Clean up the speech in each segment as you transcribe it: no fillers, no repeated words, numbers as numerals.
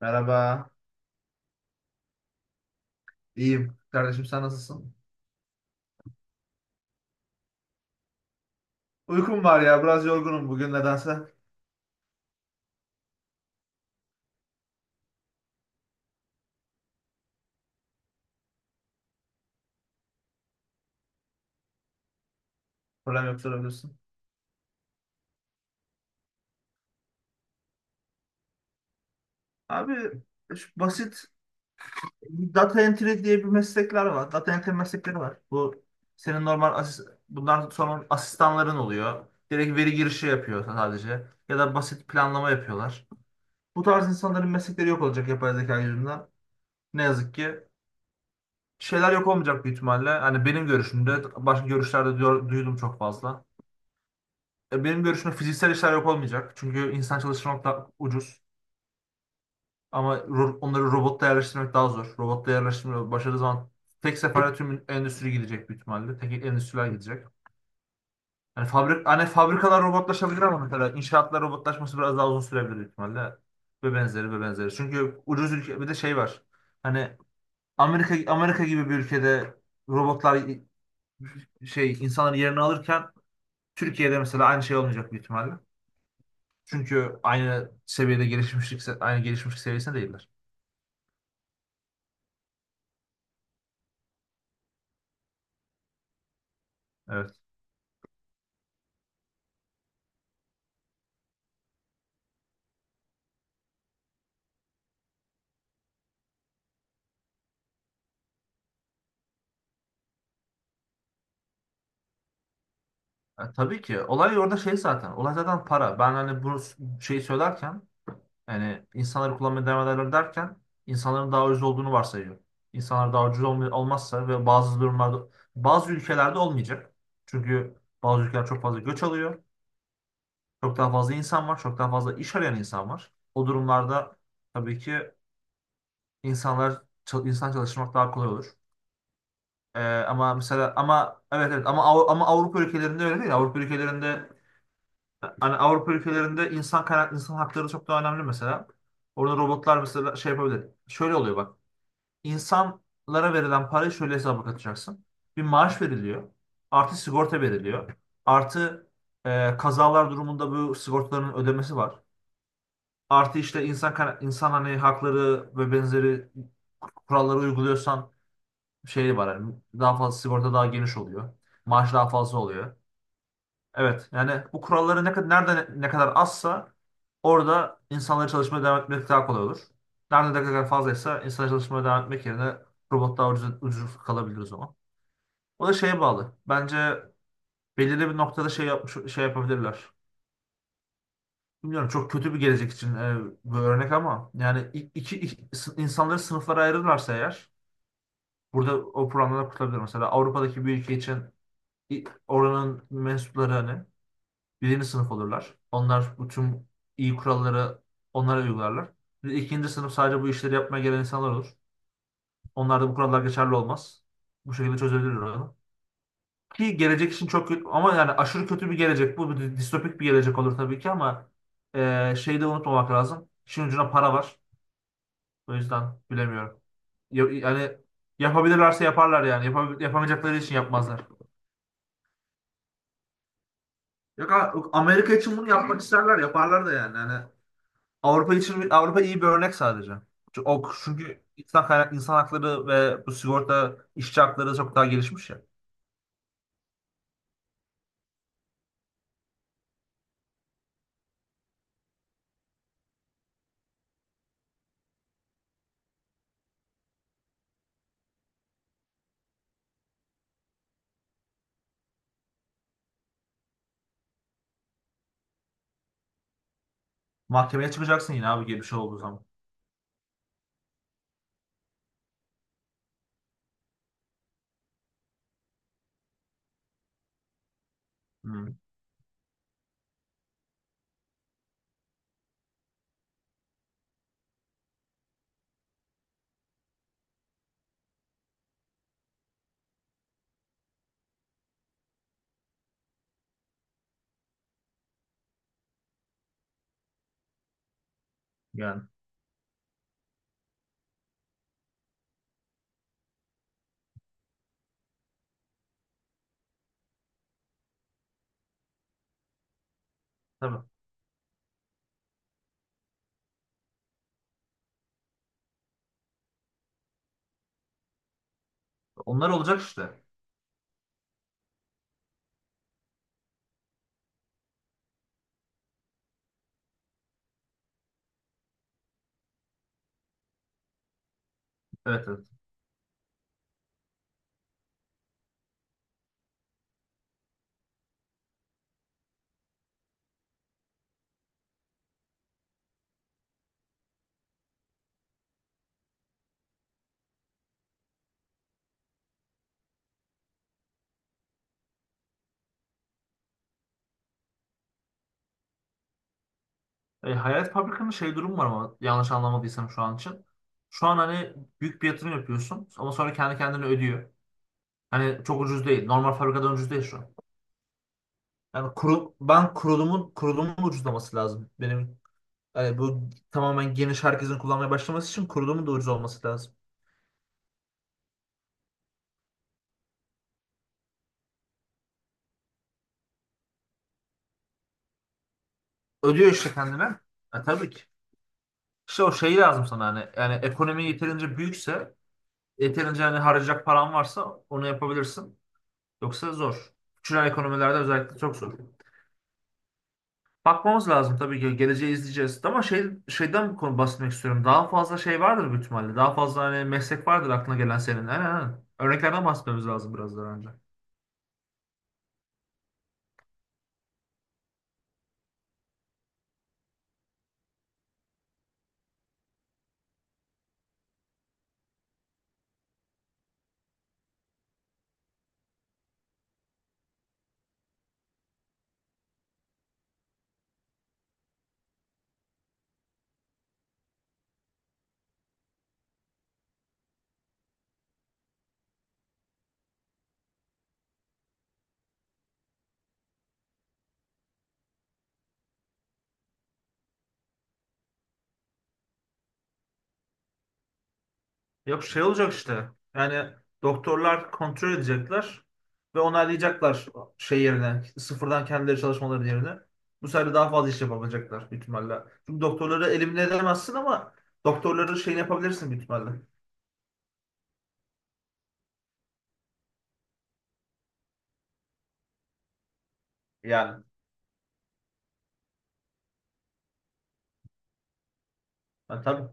Merhaba. İyiyim. Kardeşim sen nasılsın? Uykum var ya. Biraz yorgunum bugün nedense. Problem yok sorabilirsin. Abi şu basit data entry diye bir meslekler var. Data entry meslekleri var. Bu senin normal asist bundan sonra asistanların oluyor. Direkt veri girişi yapıyor sadece. Ya da basit planlama yapıyorlar. Bu tarz insanların meslekleri yok olacak yapay zeka yüzünden. Ne yazık ki. Şeyler yok olmayacak büyük ihtimalle. Hani benim görüşümde başka görüşlerde diyor- duydum çok fazla. Benim görüşüm fiziksel işler yok olmayacak. Çünkü insan çalıştırmak da ucuz. Ama ro- onları robotta yerleştirmek daha zor. Robotta yerleştirmek başarılı zaman tek seferde tüm endüstri gidecek büyük ihtimalle. Tek endüstriler gidecek. Yani fabrik, hani fabrikalar robotlaşabilir ama mesela inşaatlar robotlaşması biraz daha uzun sürebilir büyük ihtimalle. Ve benzeri ve benzeri. Çünkü ucuz ülke bir de şey var. Hani Amerika gibi bir ülkede robotlar şey insanların yerini alırken Türkiye'de mesela aynı şey olmayacak büyük ihtimalle. Çünkü aynı seviyede gelişmişlik, aynı gelişmişlik seviyesinde değiller. Evet. Ha, tabii ki. Olay orada şey zaten. Olay zaten para. Ben hani bunu şey söylerken yani insanları kullanmaya devam ederler derken insanların daha ucuz olduğunu varsayıyorum. İnsanlar daha ucuz olma- olmazsa ve bazı durumlarda bazı ülkelerde olmayacak. Çünkü bazı ülkeler çok fazla göç alıyor. Çok daha fazla insan var. Çok daha fazla iş arayan insan var. O durumlarda tabii ki insanlar çal- insan çalıştırmak daha kolay olur. Ama mesela ama evet evet ama Av- ama Avrupa ülkelerinde öyle değil. Avrupa ülkelerinde hani Avrupa ülkelerinde insan kaynak insan hakları çok daha önemli mesela. Orada robotlar mesela şey yapabilir. Şöyle oluyor bak. İnsanlara verilen parayı şöyle hesaba katacaksın. Bir maaş veriliyor. Artı sigorta veriliyor. Artı kazalar durumunda bu sigortaların ödemesi var. Artı işte insan kaynak- insan hani hakları ve benzeri kuralları uyguluyorsan şey var. Yani daha fazla sigorta daha geniş oluyor. Maaş daha fazla oluyor. Evet yani bu kuralları ne kadar nerede ne kadar azsa orada insanların çalışmaya devam etmek daha kolay olur. Nerede ne kadar fazlaysa insanların çalışmaya devam etmek yerine robot daha ucuz, ucuz kalabilir o zaman. O da şeye bağlı. Bence belirli bir noktada şey yapmış şey yapabilirler. Bilmiyorum çok kötü bir gelecek için bir örnek ama yani i- iki, iki- sı- insanları sınıflara ayırırlarsa eğer burada o programları kurtarabilir. Mesela Avrupa'daki bir ülke için oranın mensupları hani birinci sınıf olurlar. Onlar bütün iyi kuralları onlara uygularlar. Bir de İkinci sınıf sadece bu işleri yapmaya gelen insanlar olur. Onlarda bu kurallar geçerli olmaz. Bu şekilde çözebilir onu. Ki gelecek için çok kötü ama yani aşırı kötü bir gelecek. Bu bir distopik bir gelecek olur tabii ki ama şeyi de unutmamak lazım. İşin ucuna para var. O yüzden bilemiyorum. Ya- yani yapabilirlerse yaparlar yani. Yapabil- yapamayacakları için yapmazlar. Yok, ha- Amerika için bunu yapmak isterler. Yaparlar da yani. Yani Avrupa için Avrupa iyi bir örnek sadece. Çünkü O çünkü insan kaynak insan hakları ve bu sigorta işçi hakları çok daha gelişmiş ya. Mahkemeye çıkacaksın yine abi gibi bir şey olduğu zaman. Hmm, yani tabii. Onlar olacak işte. Evet evet. Hayat Fabrika'nın şey durumu var ama yanlış anlamadıysam şu an için. Şu an hani büyük bir yatırım yapıyorsun ama sonra kendi kendine ödüyor. Hani çok ucuz değil. Normal fabrikadan ucuz değil şu an. Yani kuru, ben kurulumun ucuzlaması lazım. Benim yani bu tamamen geniş herkesin kullanmaya başlaması için kurulumun da ucuz olması lazım. Ödüyor işte kendine. Tabii ki. İşte o şey lazım sana hani. Yani ekonomi yeterince büyükse, yeterince hani harcayacak paran varsa onu yapabilirsin. Yoksa zor. Küçülen ekonomilerde özellikle çok zor. Bakmamız lazım tabii ki. Geleceği izleyeceğiz. Ama şey, şeyden bir konu bahsetmek istiyorum. Daha fazla şey vardır büyük ihtimalle. Daha fazla hani meslek vardır aklına gelen senin. Aynen aynen. Örneklerden bahsetmemiz lazım biraz daha önce. Yok şey olacak işte. Yani doktorlar kontrol edecekler ve onaylayacaklar şey yerine, sıfırdan kendileri çalışmaları yerine. Bu sefer de daha fazla iş yapabilecekler büyük ihtimalle. Çünkü doktorları elimine edemezsin ama doktorları şeyini yapabilirsin büyük ihtimalle. Yani. Ha, tabii.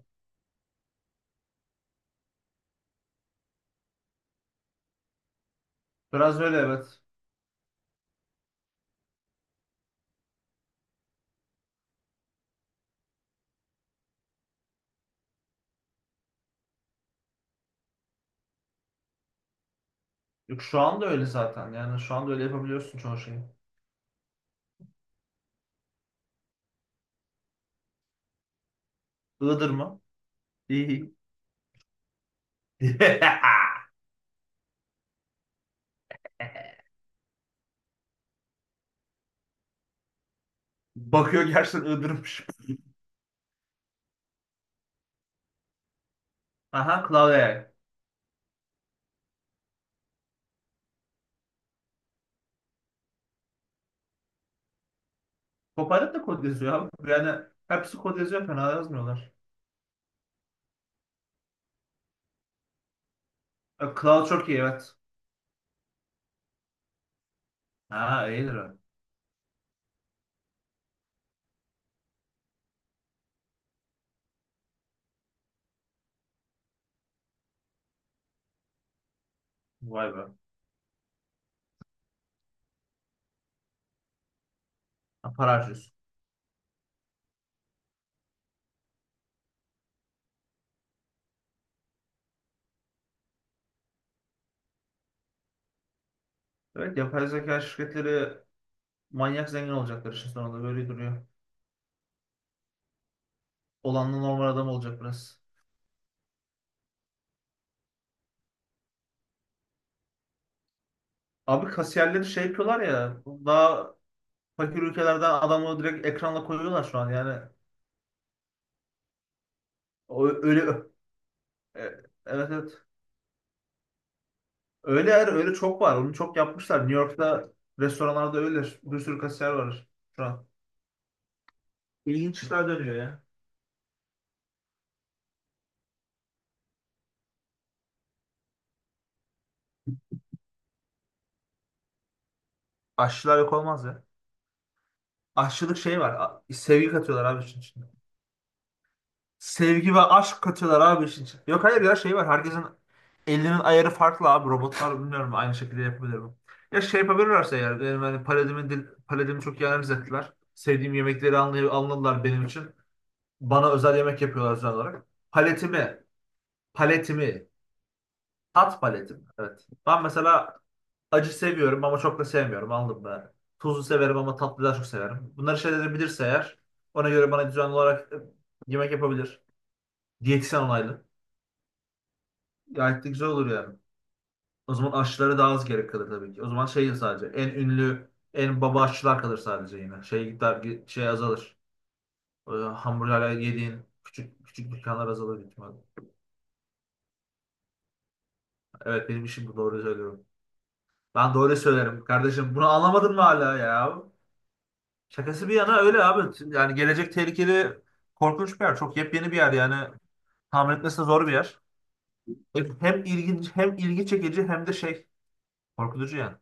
Biraz öyle evet. Yok şu anda öyle zaten. Yani şu anda öyle yapabiliyorsun çoğu şeyi. Iğdır mı? İyi. Bakıyor gerçekten Iğdır'mış. Aha Cloud AI. Copilot da kod yazıyor abi. Yani hepsi kod yazıyor fena yazmıyorlar. Cloud çok iyi evet. Ha iyidir o. Vay be. Ha, para harcıyorsun. Evet yapay zeka şirketleri manyak zengin olacaklar işin sonunda böyle duruyor. Olanla normal adam olacak biraz. Abi kasiyerleri şey yapıyorlar ya daha fakir ülkelerden adamı direkt ekranla koyuyorlar şu an yani. O, öyle e, evet evet. Öyle yer öyle çok var. Onu çok yapmışlar. New York'ta restoranlarda öyle bir sürü kasiyer var şu an. İşler dönüyor ya. Aşçılar yok olmaz ya. Aşçılık şey var. A- sevgi katıyorlar abi işin içinde. Sevgi ve aşk katıyorlar abi işin içinde. Yok hayır ya şey var. Herkesin elinin ayarı farklı abi. Robotlar bilmiyorum aynı şekilde yapabilir mi? Ya şey yapabilirlerse eğer. Benim hani paladimi, dil, paletimi çok iyi analiz ettiler. Sevdiğim yemekleri anlay anladılar benim için. Bana özel yemek yapıyorlar özel olarak. Paletimi, tat paletimi. Evet. Ben mesela acı seviyorum ama çok da sevmiyorum. Anladın mı? Tuzlu severim ama tatlı daha çok severim. Bunları şeyleri bilirse eğer ona göre bana düzenli olarak yemek yapabilir. Diyetisyen onaylı. Gayet de güzel olur yani. O zaman aşçılara daha az gerek kalır tabii ki. O zaman şey sadece en ünlü, en baba aşçılar kalır sadece yine. Şey gider şey azalır. O hamburgerler yediğin küçük küçük dükkanlar azalır büyük ihtimalle. Evet benim işim bu doğru söylüyorum. Ben doğru söylerim kardeşim. Bunu anlamadın mı hala ya? Şakası bir yana öyle abi. Şimdi yani gelecek tehlikeli korkunç bir yer. Çok yepyeni bir yer yani. Tahmin etmesi de zor bir yer. Hem hem ilginç hem ilgi çekici hem de şey korkutucu yani.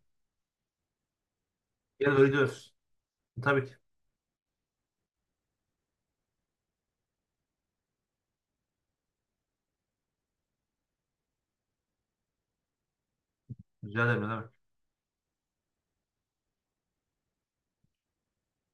Gel öyle diyoruz. Tabii ki. Rica ederim. Ne demek.